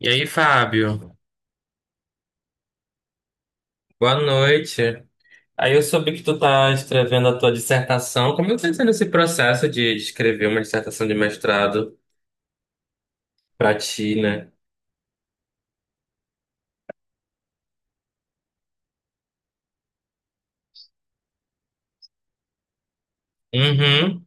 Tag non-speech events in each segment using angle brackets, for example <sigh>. E aí, Fábio? Boa noite. Aí eu soube que tu tá escrevendo a tua dissertação. Como é que tá sendo esse processo de escrever uma dissertação de mestrado pra ti, né? Uhum.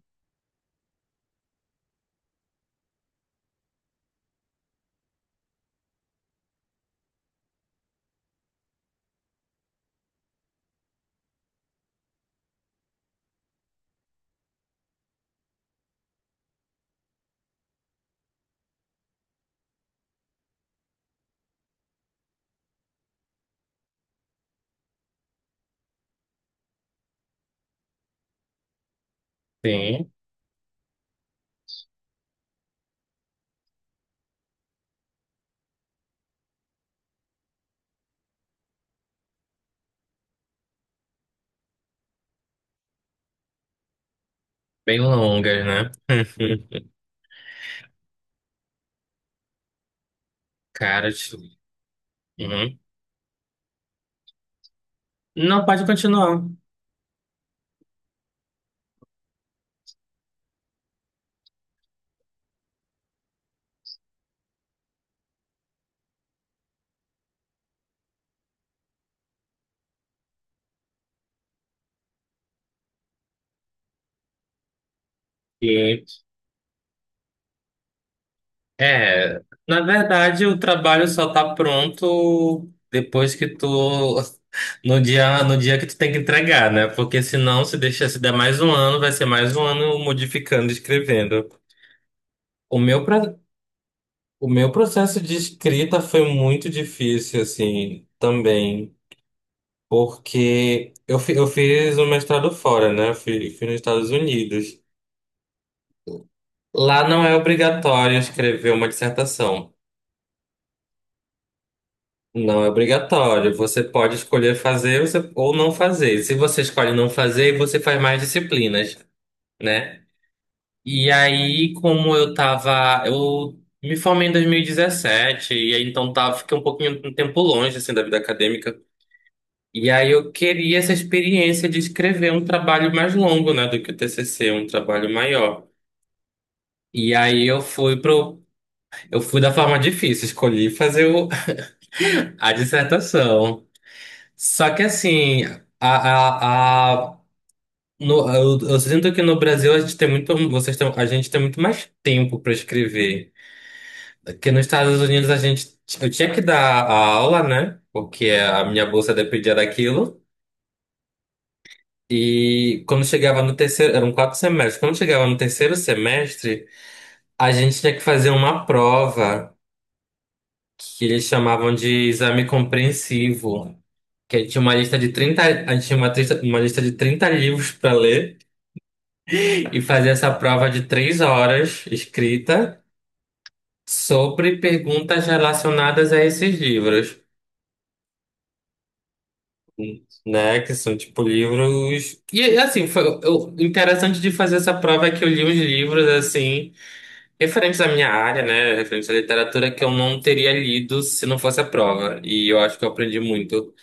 Sim. Bem longas, né? <laughs> Cara, uhum. Não, pode continuar. É, na verdade, o trabalho só tá pronto depois que tu no dia que tu tem que entregar, né? Porque senão se deixar se der mais um ano, vai ser mais um ano modificando, escrevendo. O meu pra- o meu processo de escrita foi muito difícil assim, também, porque eu fiz o mestrado fora, né? Eu fiz nos Estados Unidos. Lá não é obrigatório escrever uma dissertação. Não é obrigatório. Você pode escolher fazer ou não fazer. Se você escolhe não fazer, você faz mais disciplinas, né? E aí, como eu tava, eu me formei em 2017 e 17, e aí então tava, fiquei um pouquinho um tempo longe assim da vida acadêmica. E aí eu queria essa experiência de escrever um trabalho mais longo, né, do que o TCC, um trabalho maior. E aí eu fui da forma difícil, escolhi fazer <laughs> a dissertação. Só que assim, a, a, a, no, eu sinto que no Brasil a gente tem muito, vocês têm, a gente tem muito mais tempo para escrever. Que nos Estados Unidos eu tinha que dar a aula, né? Porque a minha bolsa dependia daquilo. E quando chegava no terceiro, eram 4 semestres. Quando chegava no terceiro semestre, a gente tinha que fazer uma prova que eles chamavam de exame compreensivo. Que tinha uma lista de 30 a gente tinha uma lista de 30 livros para ler. E fazer essa prova de 3 horas escrita sobre perguntas relacionadas a esses livros, né? Que são tipo livros. E assim, foi o interessante de fazer essa prova é que eu li uns livros assim, referentes à minha área, né? Referentes à literatura que eu não teria lido se não fosse a prova. E eu acho que eu aprendi muito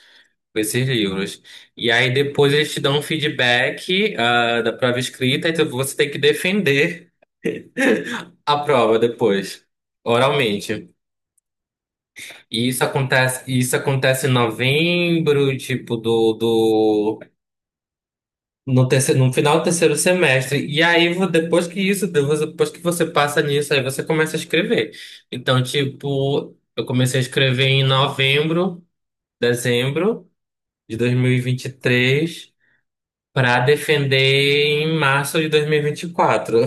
com esses livros. E aí depois eles te dão um feedback, da prova escrita, então você tem que defender a prova depois, oralmente. E isso acontece em novembro, tipo, no terceiro, no final do terceiro semestre. E aí, depois que isso, depois que você passa nisso, aí você começa a escrever. Então, tipo, eu comecei a escrever em novembro, dezembro de 2023, para defender em março de 2024.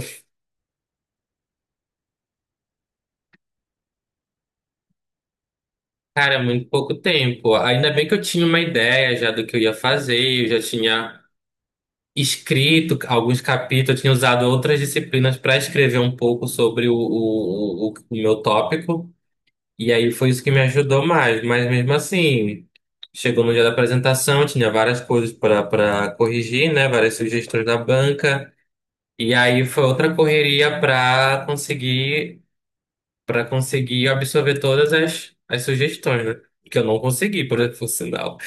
Cara, é muito pouco tempo. Ainda bem que eu tinha uma ideia já do que eu ia fazer, eu já tinha escrito alguns capítulos, eu tinha usado outras disciplinas para escrever um pouco sobre o meu tópico, e aí foi isso que me ajudou mais. Mas mesmo assim, chegou no dia da apresentação, tinha várias coisas para corrigir, né? Várias sugestões da banca, e aí foi outra correria para conseguir absorver todas as sugestões, né? Que eu não consegui, por sinal.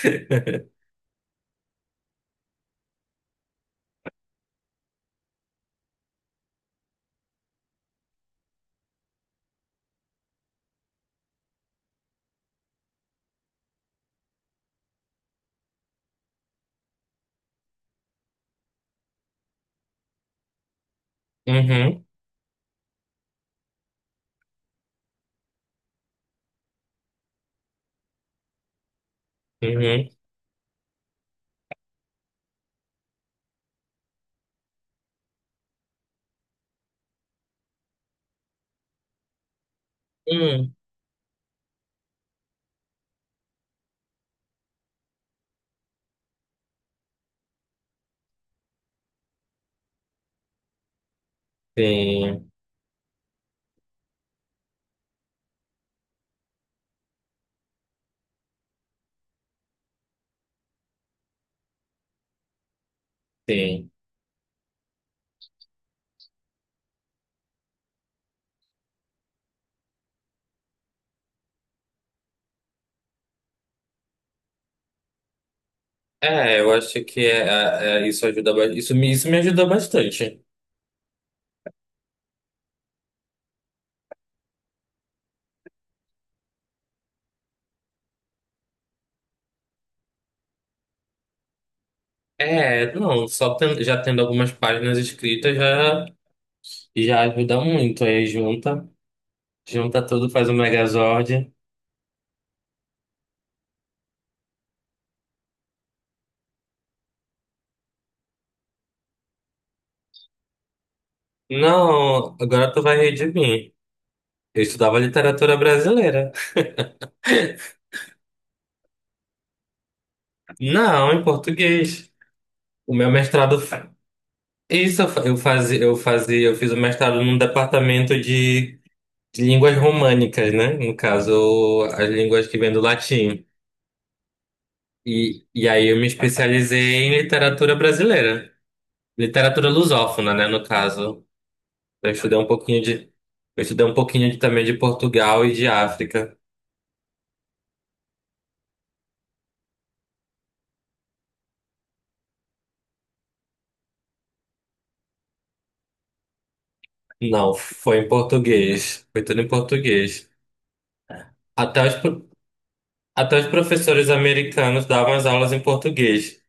Uhum, uhum, uhum. Sim, sim. É, eu acho que isso ajuda, isso me ajuda bastante. É, não, só já tendo algumas páginas escritas já ajuda muito. Aí junta, junta tudo, faz o Megazord. Não, agora tu vai rir de mim. Eu estudava literatura brasileira. Não, em português. O meu mestrado. Isso eu fiz o mestrado num departamento de línguas românicas, né? No caso, as línguas que vêm do latim. E aí eu me especializei em literatura brasileira. Literatura lusófona, né, no caso. Eu estudei um pouquinho de, eu estudei um pouquinho também de Portugal e de África. Não, foi em português. Foi tudo em português. Até os, pro- Até os professores americanos davam as aulas em português.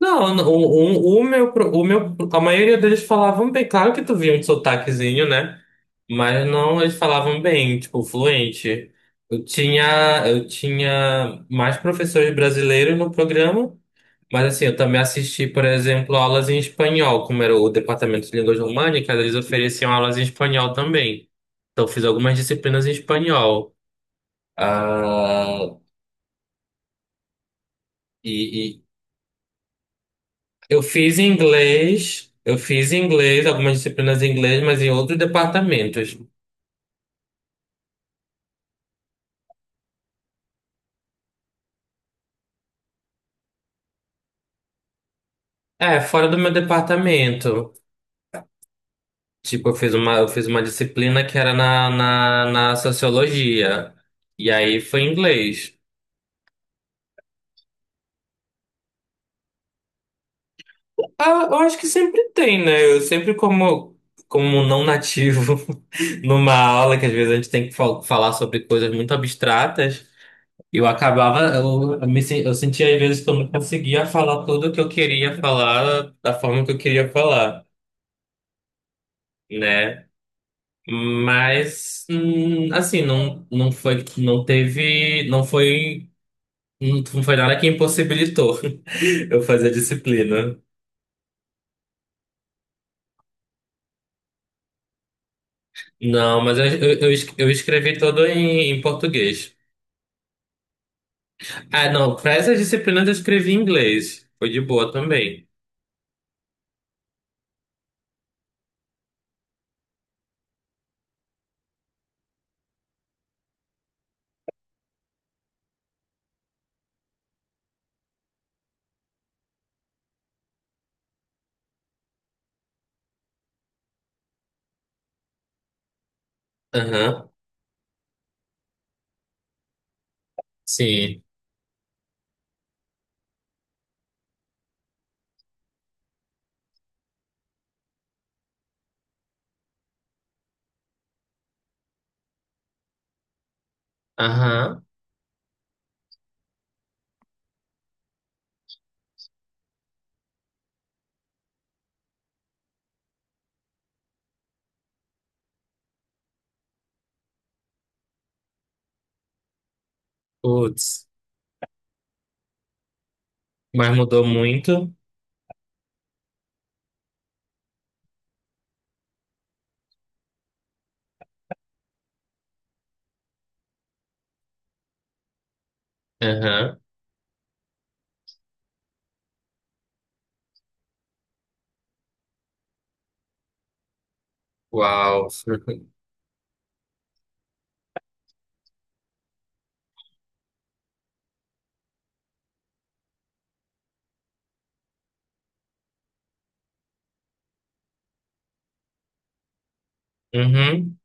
Não, o meu, pro- o meu, a maioria deles falavam bem. Claro que tu via um sotaquezinho, né? Mas não, eles falavam bem, tipo, fluente. Eu tinha mais professores brasileiros no programa, mas assim, eu também assisti, por exemplo, aulas em espanhol, como era o departamento de línguas românicas, eles ofereciam aulas em espanhol também. Então, eu fiz algumas disciplinas em espanhol. Ah, e, eu fiz inglês, algumas disciplinas em inglês, mas em outros departamentos. É, fora do meu departamento. Tipo, eu fiz uma disciplina que era na sociologia. E aí foi inglês. Ah, eu acho que sempre tem, né? Eu sempre como não nativo <laughs> numa aula, que às vezes a gente tem que falar sobre coisas muito abstratas. Eu acabava, eu sentia às vezes que eu não conseguia falar tudo que eu queria falar da forma que eu queria falar, né? Mas, assim, não, não foi, não teve, não foi, não foi nada que impossibilitou <laughs> eu fazer disciplina. Não, mas eu escrevi todo em português. Ah, não, para essas disciplinas eu escrevi em inglês. Foi de boa também. Aham. Sim. Aham. Putz, mas mudou muito. Aham. Uau. <laughs> Uhum.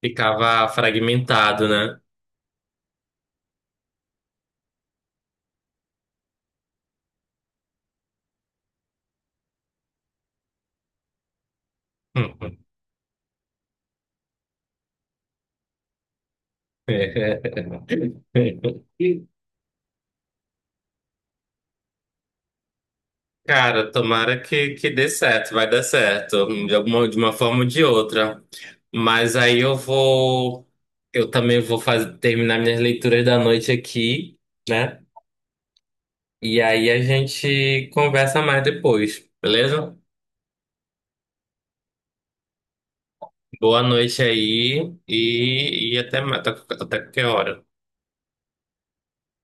Ficava fragmentado, né? Uhum. <laughs> Cara, tomara que dê certo, vai dar certo, de uma forma ou de outra. Mas aí eu também vou fazer, terminar minhas leituras da noite aqui, né? E aí a gente conversa mais depois, beleza? Boa noite aí e até qualquer hora.